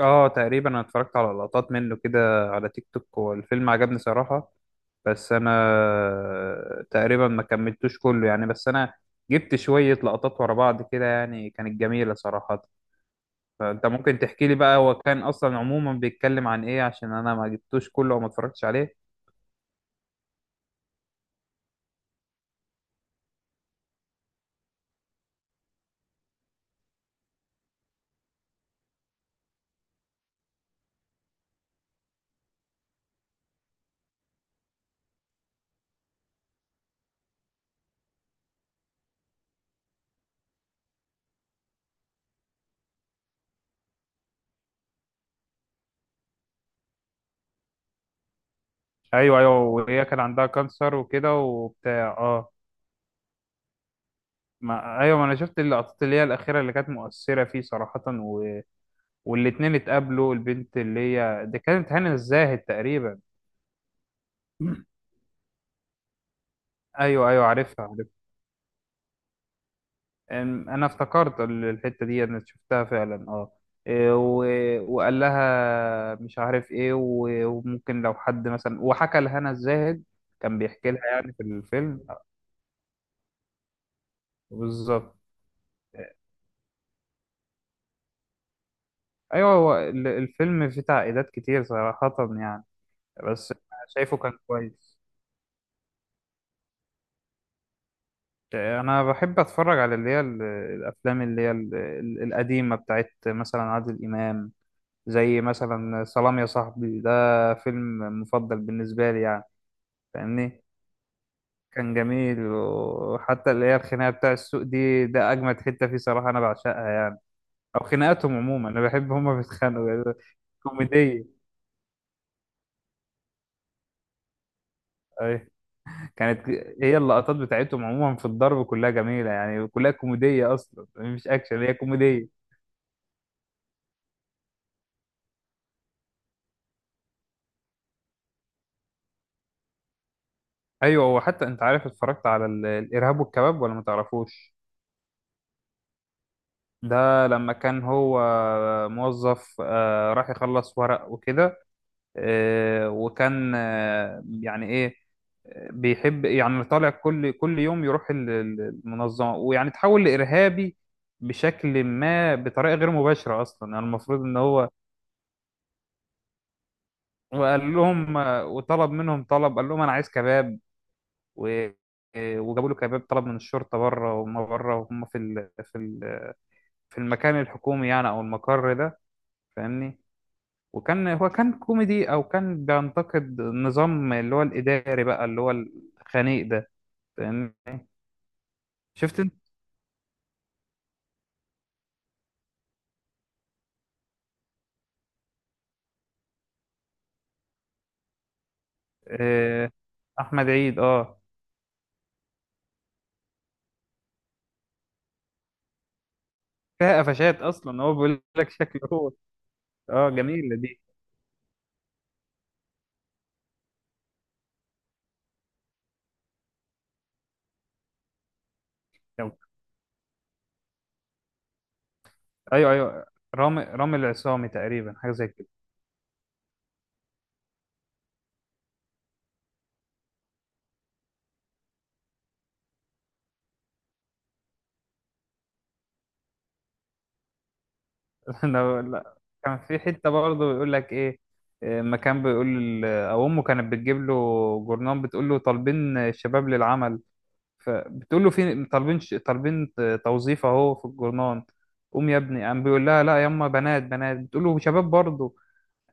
اه، تقريبا انا اتفرجت على لقطات منه كده على تيك توك، والفيلم عجبني صراحة. بس انا تقريبا ما كملتوش كله يعني. بس انا جبت شوية لقطات ورا بعض كده يعني، كانت جميلة صراحة. فانت ممكن تحكي لي بقى، هو كان اصلا عموما بيتكلم عن ايه؟ عشان انا ما جبتوش كله وما اتفرجتش عليه. ايوه ايوه، وهي كان عندها كانسر وكده وبتاع، اه. ما ايوه، ما انا شفت اللقطات اللي هي الاخيرة اللي كانت مؤثرة فيه صراحة و... والاتنين اتقابلوا. البنت اللي هي دي كانت هنا الزاهد تقريبا. ايوه ايوه، عارفها عارفها. أم- انا افتكرت الحته دي انا شفتها فعلا، اه. وقال لها مش عارف ايه، وممكن لو حد مثلا، وحكى لهنا الزاهد كان بيحكي لها يعني في الفيلم. بالظبط. ايوه، هو الفيلم فيه تعقيدات كتير صراحه يعني. بس أنا شايفه كان كويس. انا بحب اتفرج على اللي هي الافلام اللي هي القديمه، بتاعت مثلا عادل امام، زي مثلا سلام يا صاحبي ده. فيلم مفضل بالنسبه لي يعني. فاهمني؟ كان جميل. وحتى اللي هي الخناقه بتاع السوق دي، ده اجمد حته فيه صراحه، انا بعشقها يعني. او خناقاتهم عموما، انا بحب هما بيتخانقوا يعني، كوميديه. أي. كانت هي اللقطات بتاعتهم عموما في الضرب كلها جميله يعني، كلها كوميديه اصلا، مش اكشن، هي كوميديه. ايوه، هو حتى انت عارف اتفرجت على الارهاب والكباب ولا ما تعرفوش؟ ده لما كان هو موظف، راح يخلص ورق وكده. وكان، يعني ايه، بيحب، يعني طالع كل يوم يروح المنظمة، ويعني تحول لإرهابي بشكل ما، بطريقة غير مباشرة أصلا. يعني المفروض إن هو وقال لهم وطلب منهم طلب، قال لهم أنا عايز كباب. و- وجابوا له كباب. طلب من الشرطة بره، وما بره، وهم في في المكان الحكومي يعني، او المقر ده، فاهمني؟ وكان هو، كان كوميدي، او كان بينتقد النظام اللي هو الاداري بقى، اللي هو الخنيق ده، فاهمني؟ شفت انت؟ آه، احمد عيد، اه. فيها قفشات اصلا. هو بيقول لك شكله هو، اه، جميله دي. طب- ايوه ايوه، رامي العصامي تقريبا، حاجه زي كده. لا، كان في حته برضه بيقول لك ايه. ما كان بيقول، او امه كانت بتجيب له جورنان، بتقول له طالبين الشباب للعمل، فبتقول له في طالبين طالبين توظيف اهو في الجورنان. قوم يا ابني. قام بيقول لها لا يما، بنات بنات. بتقول له شباب برضه.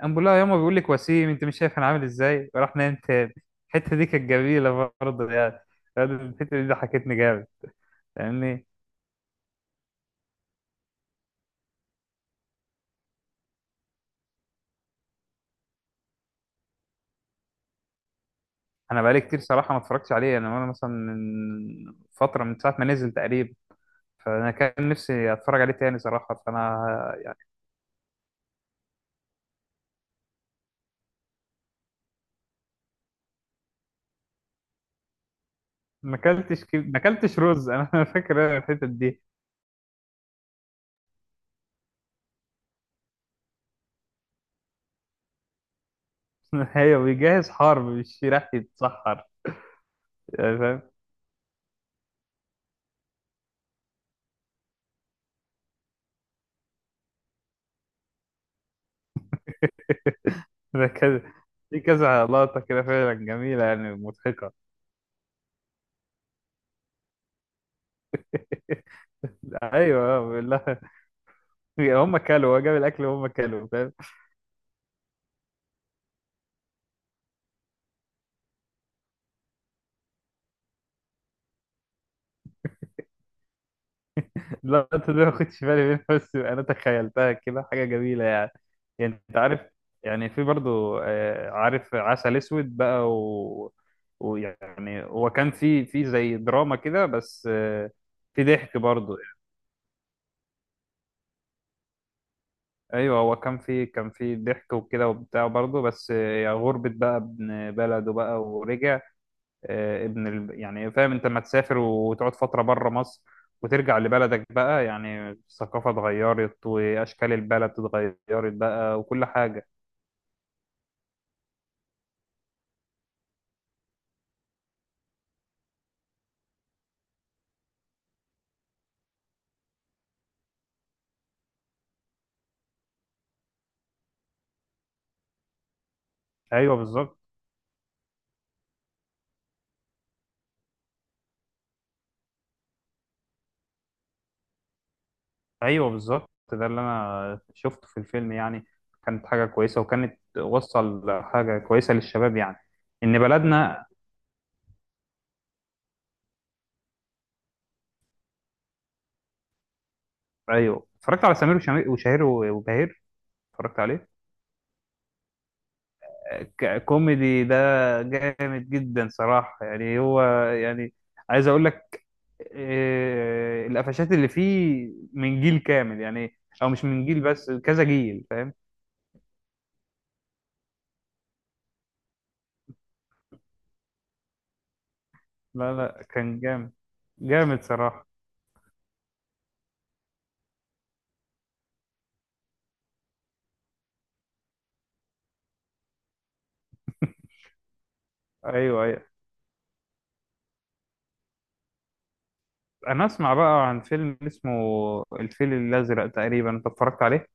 قام بيقول لها يما، بيقول لك وسيم، انت مش شايف انا عامل ازاي؟ وراح نايم تاني. الحته دي كانت جميله برضه يعني. الحته دي ضحكتني جامد. فاهمني؟ انا بقالي كتير صراحه ما اتفرجتش عليه. انا مثلا من فتره، من ساعه ما نزل تقريبا، فانا كان نفسي اتفرج عليه تاني صراحه. فانا ما اكلتش رز. انا فاكر أنا الحته دي. ايوه، بيجهز حرب مش رايح يتسحر، يعني فاهم؟ ده كذا، في كذا لقطة كده فعلا جميلة يعني مضحكة. ايوه بالله، هم كلوا، هو جاب الاكل وهم كلوا فاهم؟ اللقطة دي ما كنتش بالي منها، بس انا تخيلتها كده حاجة جميلة يعني. يعني انت عارف. يعني في برضو، عارف عسل اسود بقى و... ويعني هو كان في زي دراما كده بس، في ضحك برضو. ايوه، هو كان في ضحك وكده وبتاع برضه، بس يا غربة بقى ابن بلده بقى ورجع. ابن ال... يعني فاهم انت؟ لما تسافر وتقعد فترة بره مصر وترجع لبلدك بقى، يعني الثقافة اتغيرت، واشكال البلد اتغيرت بقى، وكل حاجة. ايوه بالظبط. ايوه بالظبط، ده اللي انا شفته في الفيلم يعني. كانت حاجة كويسة، وكانت وصل حاجة كويسة للشباب يعني، ان بلدنا. ايوه، اتفرجت على سمير وشهير وبهير. اتفرجت عليه. كوميدي ده، جامد جدا صراحة يعني. هو يعني، عايز اقول لك القفشات اللي فيه من جيل كامل يعني. او مش من جيل بس، كذا جيل، فاهم؟ لا لا، كان جامد. جامد صراحة. ايوه ايوه. انا اسمع بقى عن فيلم اسمه الفيل الازرق تقريبا، انت اتفرجت عليه؟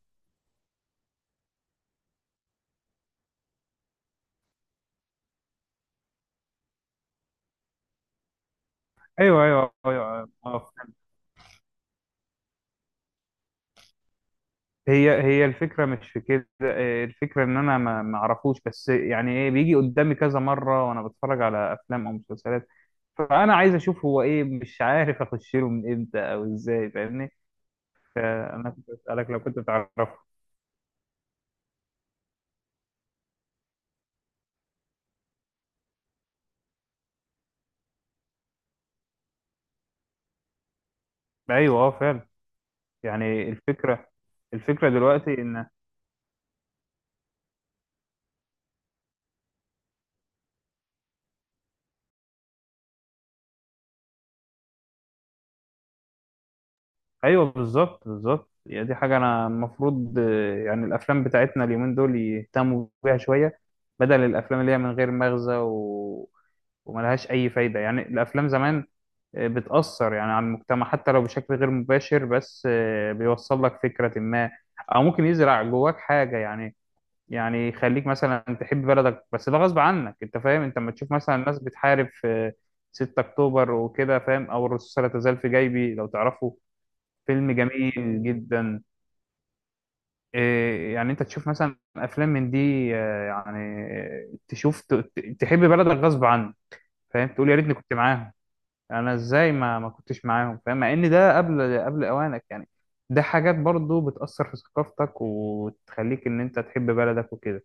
ايوه ايوه ايوه، أيوة. هي الفكرة مش في كده. الفكرة إن أنا ما أعرفوش، بس يعني إيه بيجي قدامي كذا مرة وأنا بتفرج على أفلام أو مسلسلات، فأنا عايز أشوف هو إيه، مش عارف أخش له من إمتى أو إزاي، فاهمني؟ أنا كنت بسألك لو كنت بتعرفه. أيوه، أه، فعلا. يعني الفكرة، الفكرة دلوقتي إن. أيوه بالظبط بالظبط، يعني دي حاجة أنا المفروض، يعني الأفلام بتاعتنا اليومين دول يهتموا بيها شوية، بدل الأفلام اللي هي من غير مغزى و... وملهاش اي فايده. يعني الافلام زمان بتأثر يعني على المجتمع، حتى لو بشكل غير مباشر، بس بيوصل لك فكرة ما، أو ممكن يزرع جواك حاجة يعني. يعني يخليك مثلا تحب بلدك، بس ده غصب عنك. أنت فاهم؟ أنت لما تشوف مثلا الناس بتحارب في 6 أكتوبر وكده، فاهم؟ أو الرصاصة لا تزال في جيبي، لو تعرفه. فيلم جميل جدا. يعني أنت تشوف مثلا أفلام من دي، يعني، تشوف تحب بلدك غصب عنك، فاهم؟ تقول يا ريتني كنت معاهم، انا ازاي ما كنتش معاهم، فاهم؟ مع ان ده قبل اوانك يعني. ده حاجات برضو بتأثر في ثقافتك، وتخليك ان انت تحب بلدك وكده.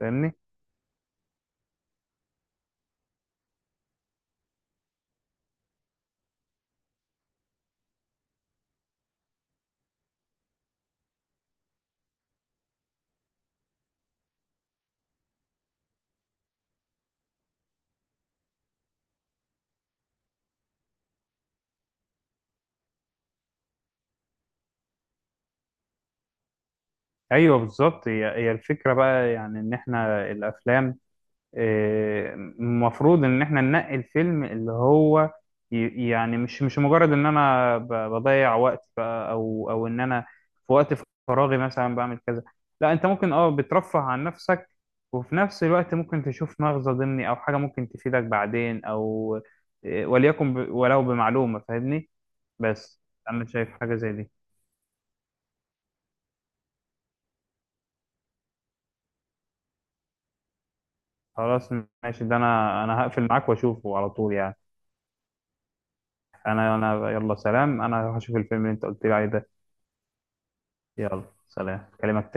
فاهمني؟ ايوه بالظبط، هي الفكرة بقى يعني. ان احنا الافلام، المفروض ان احنا ننقي الفيلم اللي هو يعني مش مجرد ان انا بضيع وقت بقى، او ان انا في وقت فراغي مثلا بعمل كذا. لا، انت ممكن اه، بترفه عن نفسك، وفي نفس الوقت ممكن تشوف مغزى ضمني، او حاجة ممكن تفيدك بعدين، او وليكن ولو بمعلومة، فاهمني؟ بس انا شايف حاجة زي دي. خلاص ماشي، ده انا هقفل معاك واشوفه على طول يعني. انا يلا سلام، انا هشوف الفيلم اللي انت قلت لي عليه ده. يلا سلام، كلمك.